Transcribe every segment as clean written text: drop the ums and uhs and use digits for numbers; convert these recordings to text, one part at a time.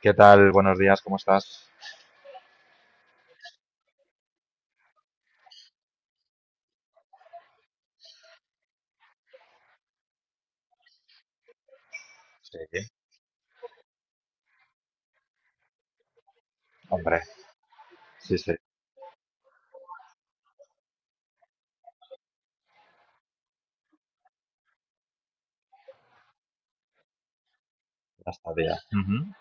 ¿Qué tal? Buenos días, ¿cómo estás? Sí. Hombre, sí, sí. Hasta día. Ujú,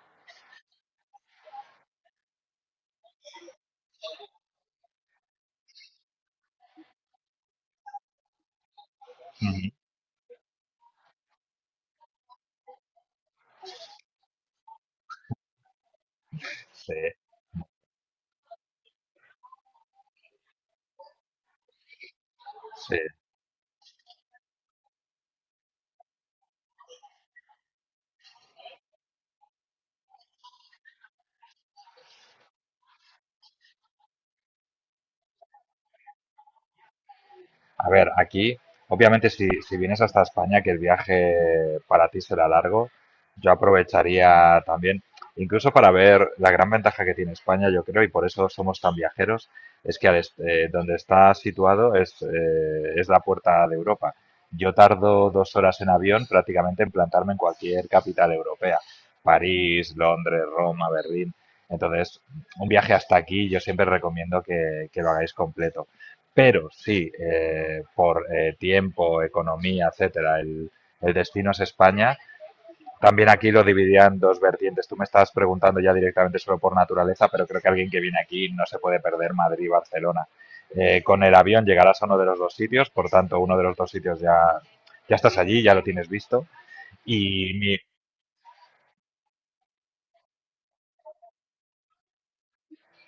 ujú. Sí, sí. A ver, aquí, obviamente, si vienes hasta España, que el viaje para ti será largo, yo aprovecharía también, incluso para ver la gran ventaja que tiene España, yo creo, y por eso somos tan viajeros, es que donde está situado es la puerta de Europa. Yo tardo 2 horas en avión prácticamente en plantarme en cualquier capital europea, París, Londres, Roma, Berlín. Entonces, un viaje hasta aquí yo siempre recomiendo que lo hagáis completo. Pero si por tiempo, economía, etcétera, el destino es España, también aquí lo dividían en dos vertientes. Tú me estabas preguntando ya directamente solo por naturaleza, pero creo que alguien que viene aquí no se puede perder Madrid y Barcelona. Con el avión llegarás a uno de los dos sitios, por tanto, uno de los dos sitios ya, ya estás allí, ya lo tienes visto. Y mi,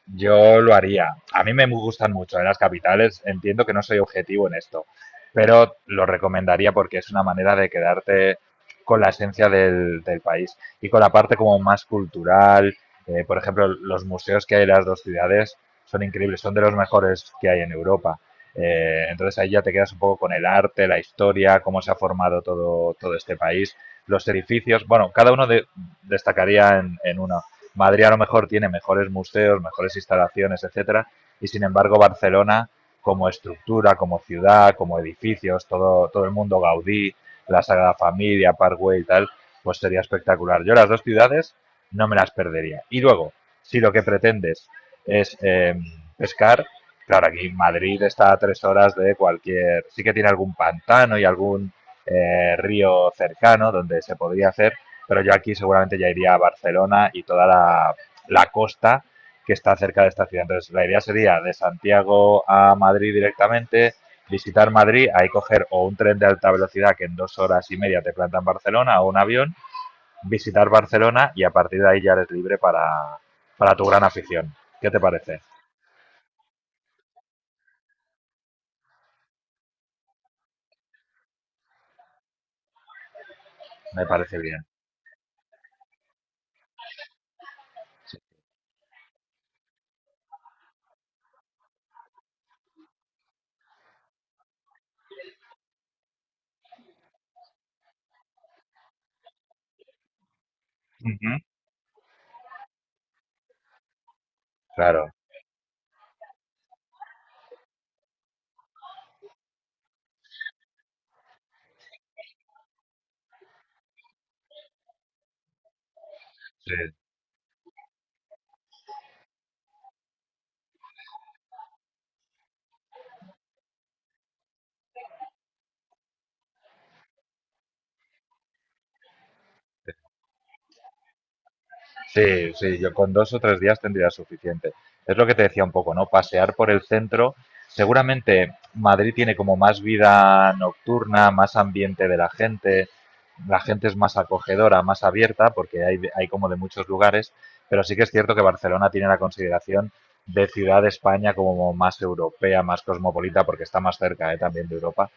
yo lo haría. A mí me gustan mucho en las capitales. Entiendo que no soy objetivo en esto, pero lo recomendaría porque es una manera de quedarte con la esencia del país y con la parte como más cultural. Por ejemplo, los museos que hay en las dos ciudades son increíbles, son de los mejores que hay en Europa. Entonces ahí ya te quedas un poco con el arte, la historia, cómo se ha formado todo, todo este país, los edificios. Bueno, cada uno destacaría en una. Madrid a lo mejor tiene mejores museos, mejores instalaciones, etcétera, y sin embargo Barcelona como estructura, como ciudad, como edificios, todo, todo el mundo Gaudí, la Sagrada Familia, Parkway y tal, pues sería espectacular. Yo las dos ciudades no me las perdería. Y luego, si lo que pretendes es pescar, claro, aquí Madrid está a 3 horas de cualquier, sí que tiene algún pantano y algún río cercano donde se podría hacer, pero yo aquí seguramente ya iría a Barcelona y toda la costa que está cerca de esta ciudad. Entonces, la idea sería de Santiago a Madrid directamente, visitar Madrid, ahí coger o un tren de alta velocidad que en 2 horas y media te planta en Barcelona o un avión, visitar Barcelona y a partir de ahí ya eres libre para tu gran afición. ¿Qué te parece? Me parece bien. Uh-huh. Claro, sí. Sí, sí, yo con 2 o 3 días tendría suficiente. Es lo que te decía un poco, ¿no? Pasear por el centro. Seguramente Madrid tiene como más vida nocturna, más ambiente de la gente es más acogedora, más abierta, porque hay como de muchos lugares, pero sí que es cierto que Barcelona tiene la consideración de ciudad de España como más europea, más cosmopolita, porque está más cerca, ¿eh? También de Europa,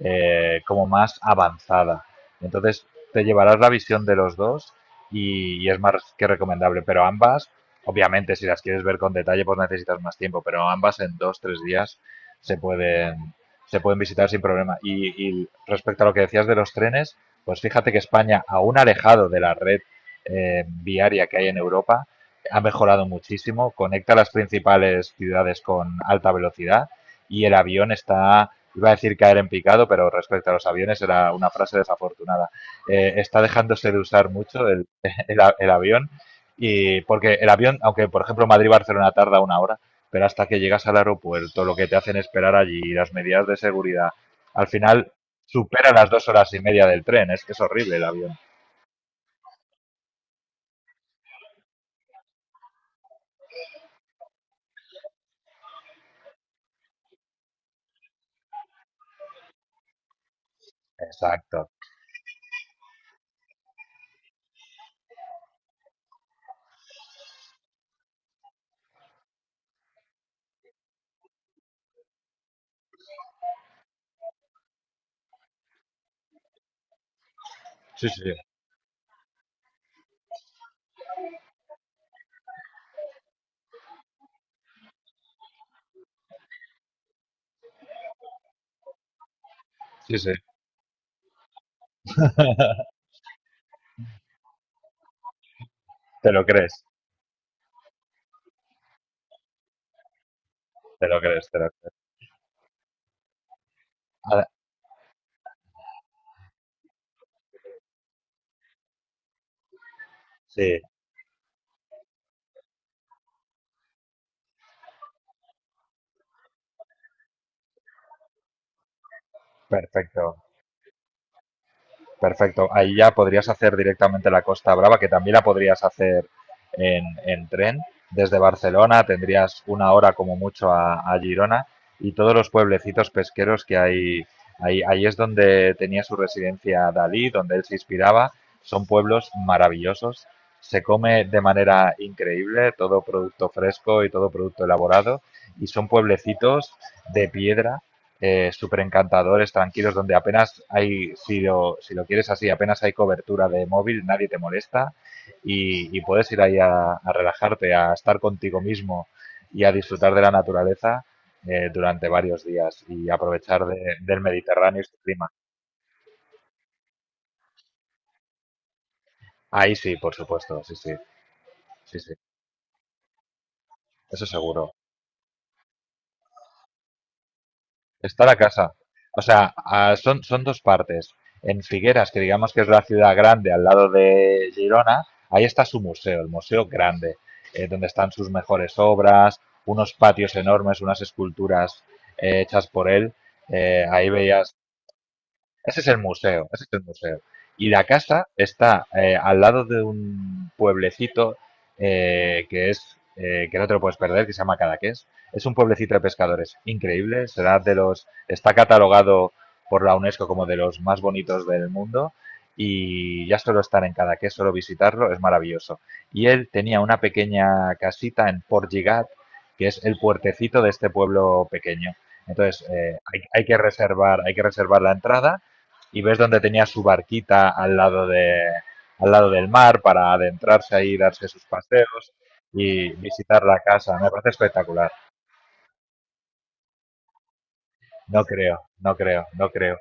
como más avanzada. Entonces, te llevarás la visión de los dos y es más que recomendable. Pero ambas, obviamente, si las quieres ver con detalle, pues necesitas más tiempo, pero ambas en 2, 3 días se pueden, se pueden visitar sin problema. Y respecto a lo que decías de los trenes, pues fíjate que España, aún alejado de la red viaria que hay en Europa, ha mejorado muchísimo, conecta las principales ciudades con alta velocidad y el avión está, iba a decir caer en picado, pero respecto a los aviones era una frase desafortunada. Está dejándose de usar mucho el avión. Y porque el avión, aunque por ejemplo Madrid-Barcelona tarda 1 hora, pero hasta que llegas al aeropuerto, lo que te hacen esperar allí, las medidas de seguridad, al final supera las 2 horas y media del tren. Es que es horrible el avión. Exacto. Sí, sí, sí, sí. Te lo crees, te lo crees, te lo crees. Ah, sí, perfecto. Perfecto. Ahí ya podrías hacer directamente la Costa Brava, que también la podrías hacer en tren. Desde Barcelona tendrías 1 hora como mucho a Girona y todos los pueblecitos pesqueros que hay. Ahí, ahí es donde tenía su residencia Dalí, donde él se inspiraba. Son pueblos maravillosos. Se come de manera increíble todo producto fresco y todo producto elaborado. Y son pueblecitos de piedra súper encantadores, tranquilos, donde apenas hay, si lo, si lo quieres así, apenas hay cobertura de móvil, nadie te molesta y puedes ir ahí a relajarte, a estar contigo mismo y a disfrutar de la naturaleza durante varios días y aprovechar del Mediterráneo y su clima. Ahí sí, por supuesto, sí, sí, sí, sí, eso seguro. Está la casa. O sea, ah, son, son dos partes. En Figueras, que digamos que es la ciudad grande al lado de Girona, ahí está su museo, el museo grande, donde están sus mejores obras, unos patios enormes, unas esculturas hechas por él. Ahí veías, ese es el museo, ese es el museo. Y la casa está al lado de un pueblecito que es que no te lo puedes perder, que se llama Cadaqués. Es un pueblecito de pescadores increíble, será de los, está catalogado por la UNESCO como de los más bonitos del mundo y ya solo estar en Cadaqués, solo visitarlo, es maravilloso. Y él tenía una pequeña casita en Port Lligat, que es el puertecito de este pueblo pequeño. Entonces, hay que reservar, hay que reservar la entrada y ves donde tenía su barquita al lado, de, al lado del mar para adentrarse ahí, darse sus paseos y visitar la casa. Me parece espectacular. No creo, no creo, no creo.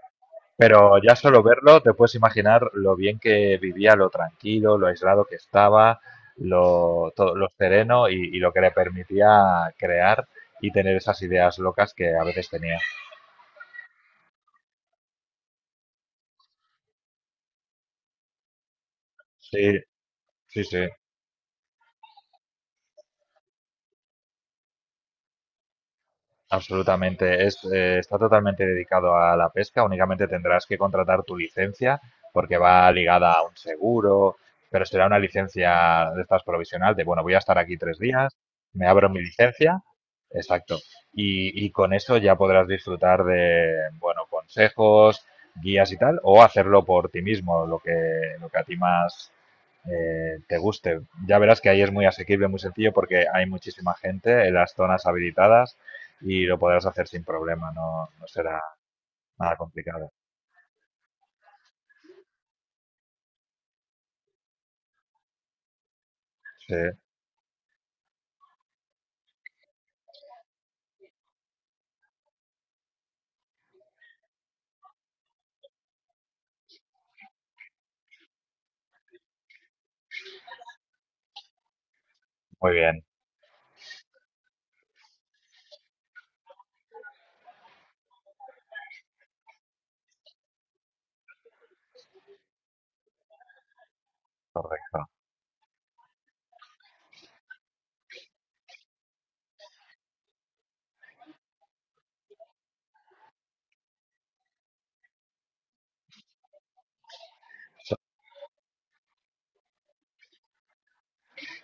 Pero ya solo verlo te puedes imaginar lo bien que vivía, lo tranquilo, lo aislado que estaba, lo, todo, lo sereno y lo que le permitía crear y tener esas ideas locas que a veces tenía. Sí, sí, sí. Absolutamente, es, está totalmente dedicado a la pesca, únicamente tendrás que contratar tu licencia porque va ligada a un seguro, pero será una licencia de estas provisional, de bueno, voy a estar aquí 3 días, me abro mi licencia, exacto, y con eso ya podrás disfrutar de, bueno, consejos, guías y tal, o hacerlo por ti mismo, lo que a ti más te guste. Ya verás que ahí es muy asequible, muy sencillo, porque hay muchísima gente en las zonas habilitadas y lo podrás hacer sin problema, no, no será nada complicado. Sí, muy bien, correcto. So-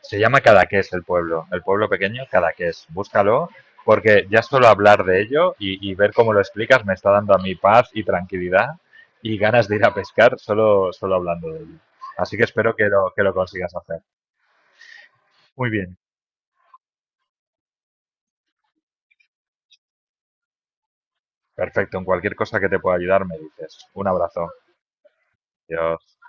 Se llama Cadaqués el pueblo pequeño Cadaqués. Búscalo porque ya solo hablar de ello y ver cómo lo explicas me está dando a mí paz y tranquilidad y ganas de ir a pescar solo, solo hablando de ello. Así que espero que lo consigas hacer. Muy bien, perfecto. En cualquier cosa que te pueda ayudar me dices. Un abrazo. Adiós.